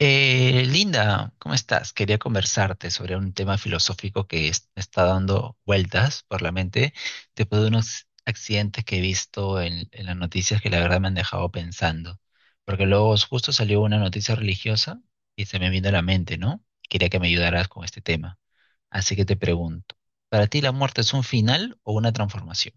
Linda, ¿cómo estás? Quería conversarte sobre un tema filosófico me está dando vueltas por la mente después de unos accidentes que he visto en las noticias que la verdad me han dejado pensando. Porque luego justo salió una noticia religiosa y se me vino a la mente, ¿no? Quería que me ayudaras con este tema. Así que te pregunto, ¿para ti la muerte es un final o una transformación?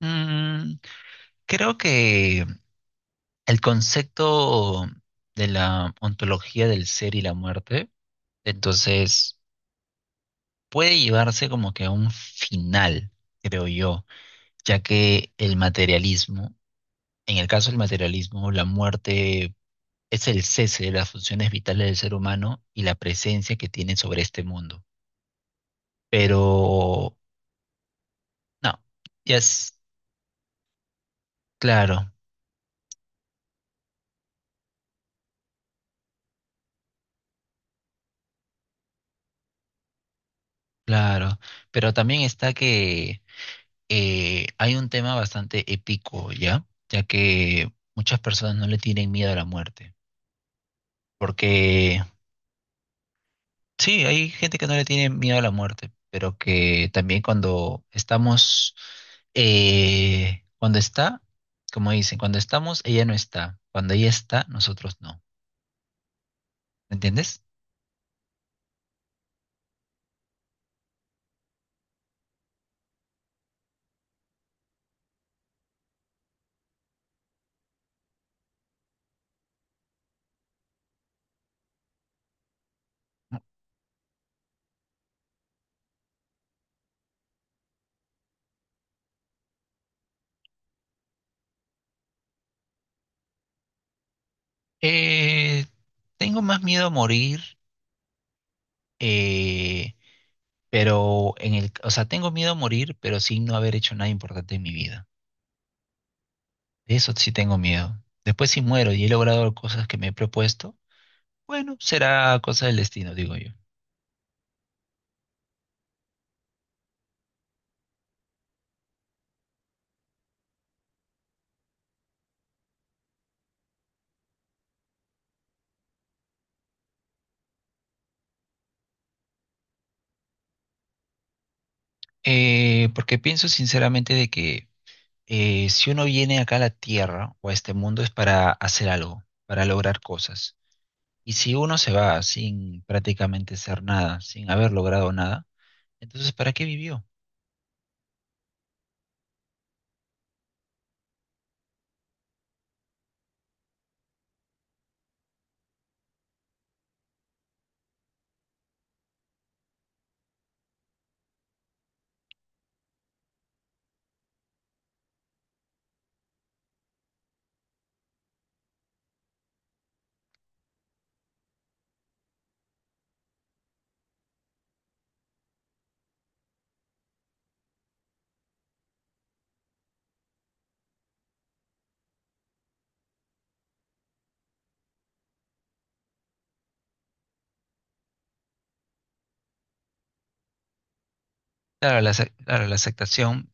Mm, creo que el concepto de la ontología del ser y la muerte, entonces, puede llevarse como que a un final, creo yo, ya que el materialismo, en el caso del materialismo, la muerte es el cese de las funciones vitales del ser humano y la presencia que tiene sobre este mundo. Pero, no, ya es claro, claro, pero también está que hay un tema bastante épico, ¿ya? Ya que muchas personas no le tienen miedo a la muerte. Porque sí, hay gente que no le tiene miedo a la muerte, pero que también cuando estamos, cuando está, como dicen, cuando estamos, ella no está. Cuando ella está, nosotros no. ¿Me entiendes? Eh, tengo más miedo a morir, eh, pero en o sea, tengo miedo a morir, pero sin no haber hecho nada importante en mi vida. De eso sí tengo miedo. Después si muero y he logrado cosas que me he propuesto, bueno, será cosa del destino, digo yo. Porque pienso sinceramente de que si uno viene acá a la Tierra o a este mundo es para hacer algo, para lograr cosas. Y si uno se va sin prácticamente ser nada, sin haber logrado nada, entonces ¿para qué vivió? Claro, claro, la aceptación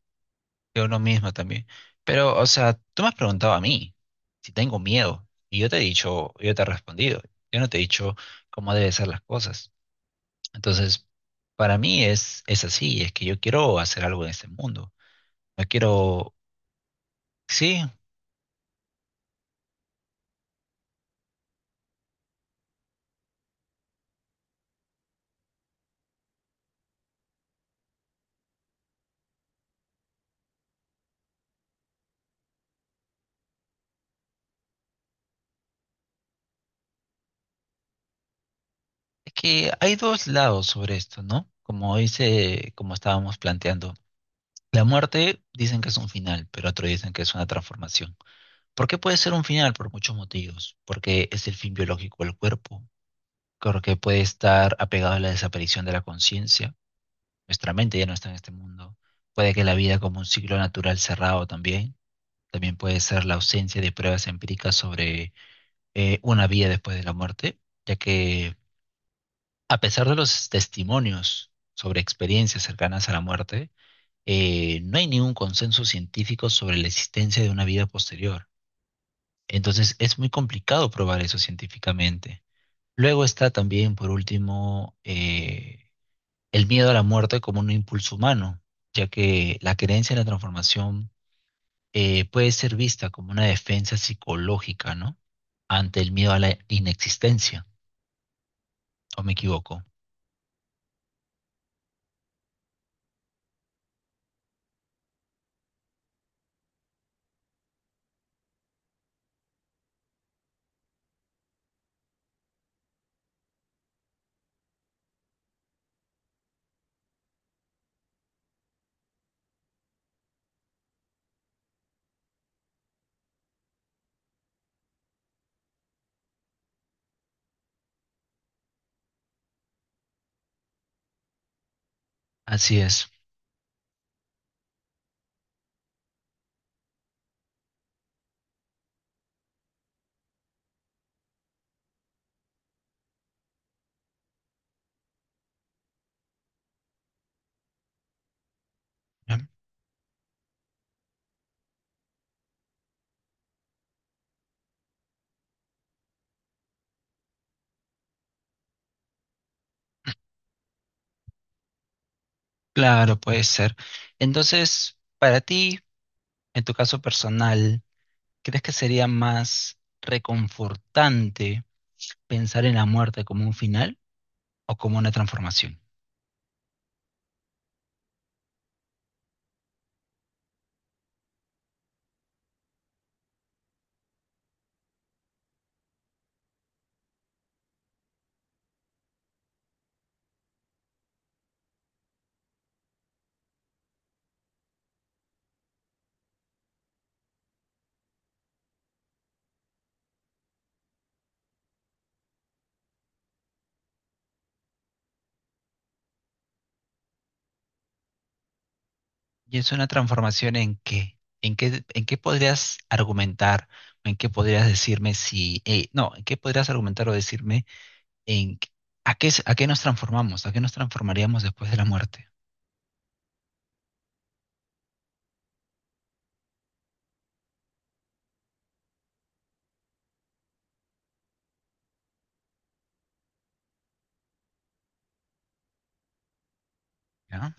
de uno mismo también. Pero, o sea, tú me has preguntado a mí si tengo miedo y yo te he dicho, yo te he respondido, yo no te he dicho cómo deben ser las cosas. Entonces, para mí es así, es que yo quiero hacer algo en este mundo. No quiero, sí, es que hay dos lados sobre esto, ¿no? Como dice, como estábamos planteando, la muerte dicen que es un final, pero otros dicen que es una transformación. ¿Por qué puede ser un final? Por muchos motivos. Porque es el fin biológico del cuerpo, creo que puede estar apegado a la desaparición de la conciencia. Nuestra mente ya no está en este mundo. Puede que la vida como un ciclo natural cerrado también. También puede ser la ausencia de pruebas empíricas sobre una vida después de la muerte, ya que a pesar de los testimonios sobre experiencias cercanas a la muerte, no hay ningún consenso científico sobre la existencia de una vida posterior. Entonces es muy complicado probar eso científicamente. Luego está también, por último, el miedo a la muerte como un impulso humano, ya que la creencia en la transformación puede ser vista como una defensa psicológica, ¿no? Ante el miedo a la inexistencia, ¿o me equivoco? Así es. Bien. Claro, puede ser. Entonces, para ti, en tu caso personal, ¿crees que sería más reconfortante pensar en la muerte como un final o como una transformación? ¿Y es una transformación en qué? ¿En qué, en qué podrías argumentar? ¿En qué podrías decirme si... no, ¿en qué podrías argumentar o decirme en qué- a qué, a qué nos transformamos? ¿A qué nos transformaríamos después de la muerte? ¿Ya?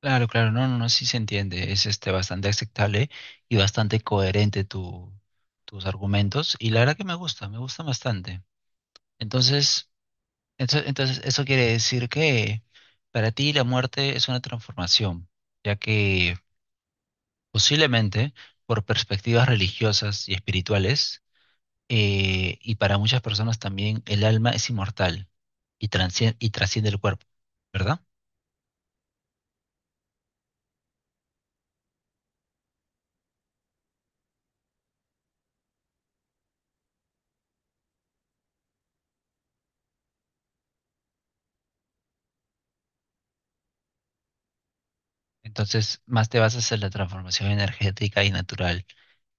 Claro, claro, no, no, no, sí se entiende. Es este, bastante aceptable y bastante coherente tu, tus argumentos. Y la verdad que me gusta bastante. Entonces, entonces, eso quiere decir que para ti la muerte es una transformación, ya que posiblemente por perspectivas religiosas y espirituales, y para muchas personas también el alma es inmortal y transciende, y trasciende el cuerpo, ¿verdad? Entonces, más te vas a hacer la transformación energética y natural,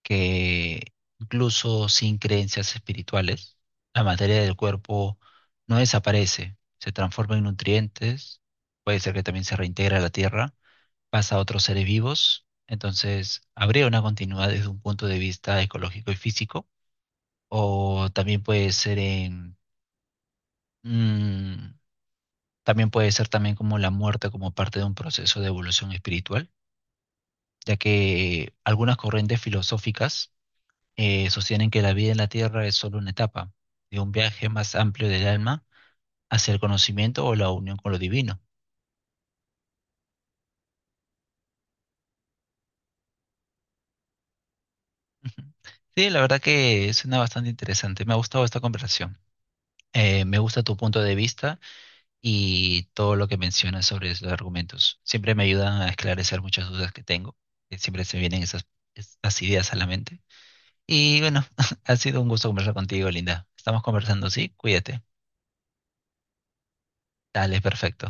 que incluso sin creencias espirituales, la materia del cuerpo no desaparece, se transforma en nutrientes, puede ser que también se reintegra a la tierra pasa a otros seres vivos. Entonces, habría una continuidad desde un punto de vista ecológico y físico, o también puede ser mm, también puede ser también como la muerte como parte de un proceso de evolución espiritual, ya que algunas corrientes filosóficas sostienen que la vida en la Tierra es solo una etapa de un viaje más amplio del alma hacia el conocimiento o la unión con lo divino. Ujú. Sí, la verdad que suena bastante interesante. Me ha gustado esta conversación. Me gusta tu punto de vista y todo lo que mencionas sobre esos argumentos. Siempre me ayudan a esclarecer muchas dudas que tengo, que siempre se vienen esas, estas ideas a la mente. Y bueno, ha sido un gusto conversar contigo, Linda. Estamos conversando, ¿sí? Cuídate. Dale, perfecto.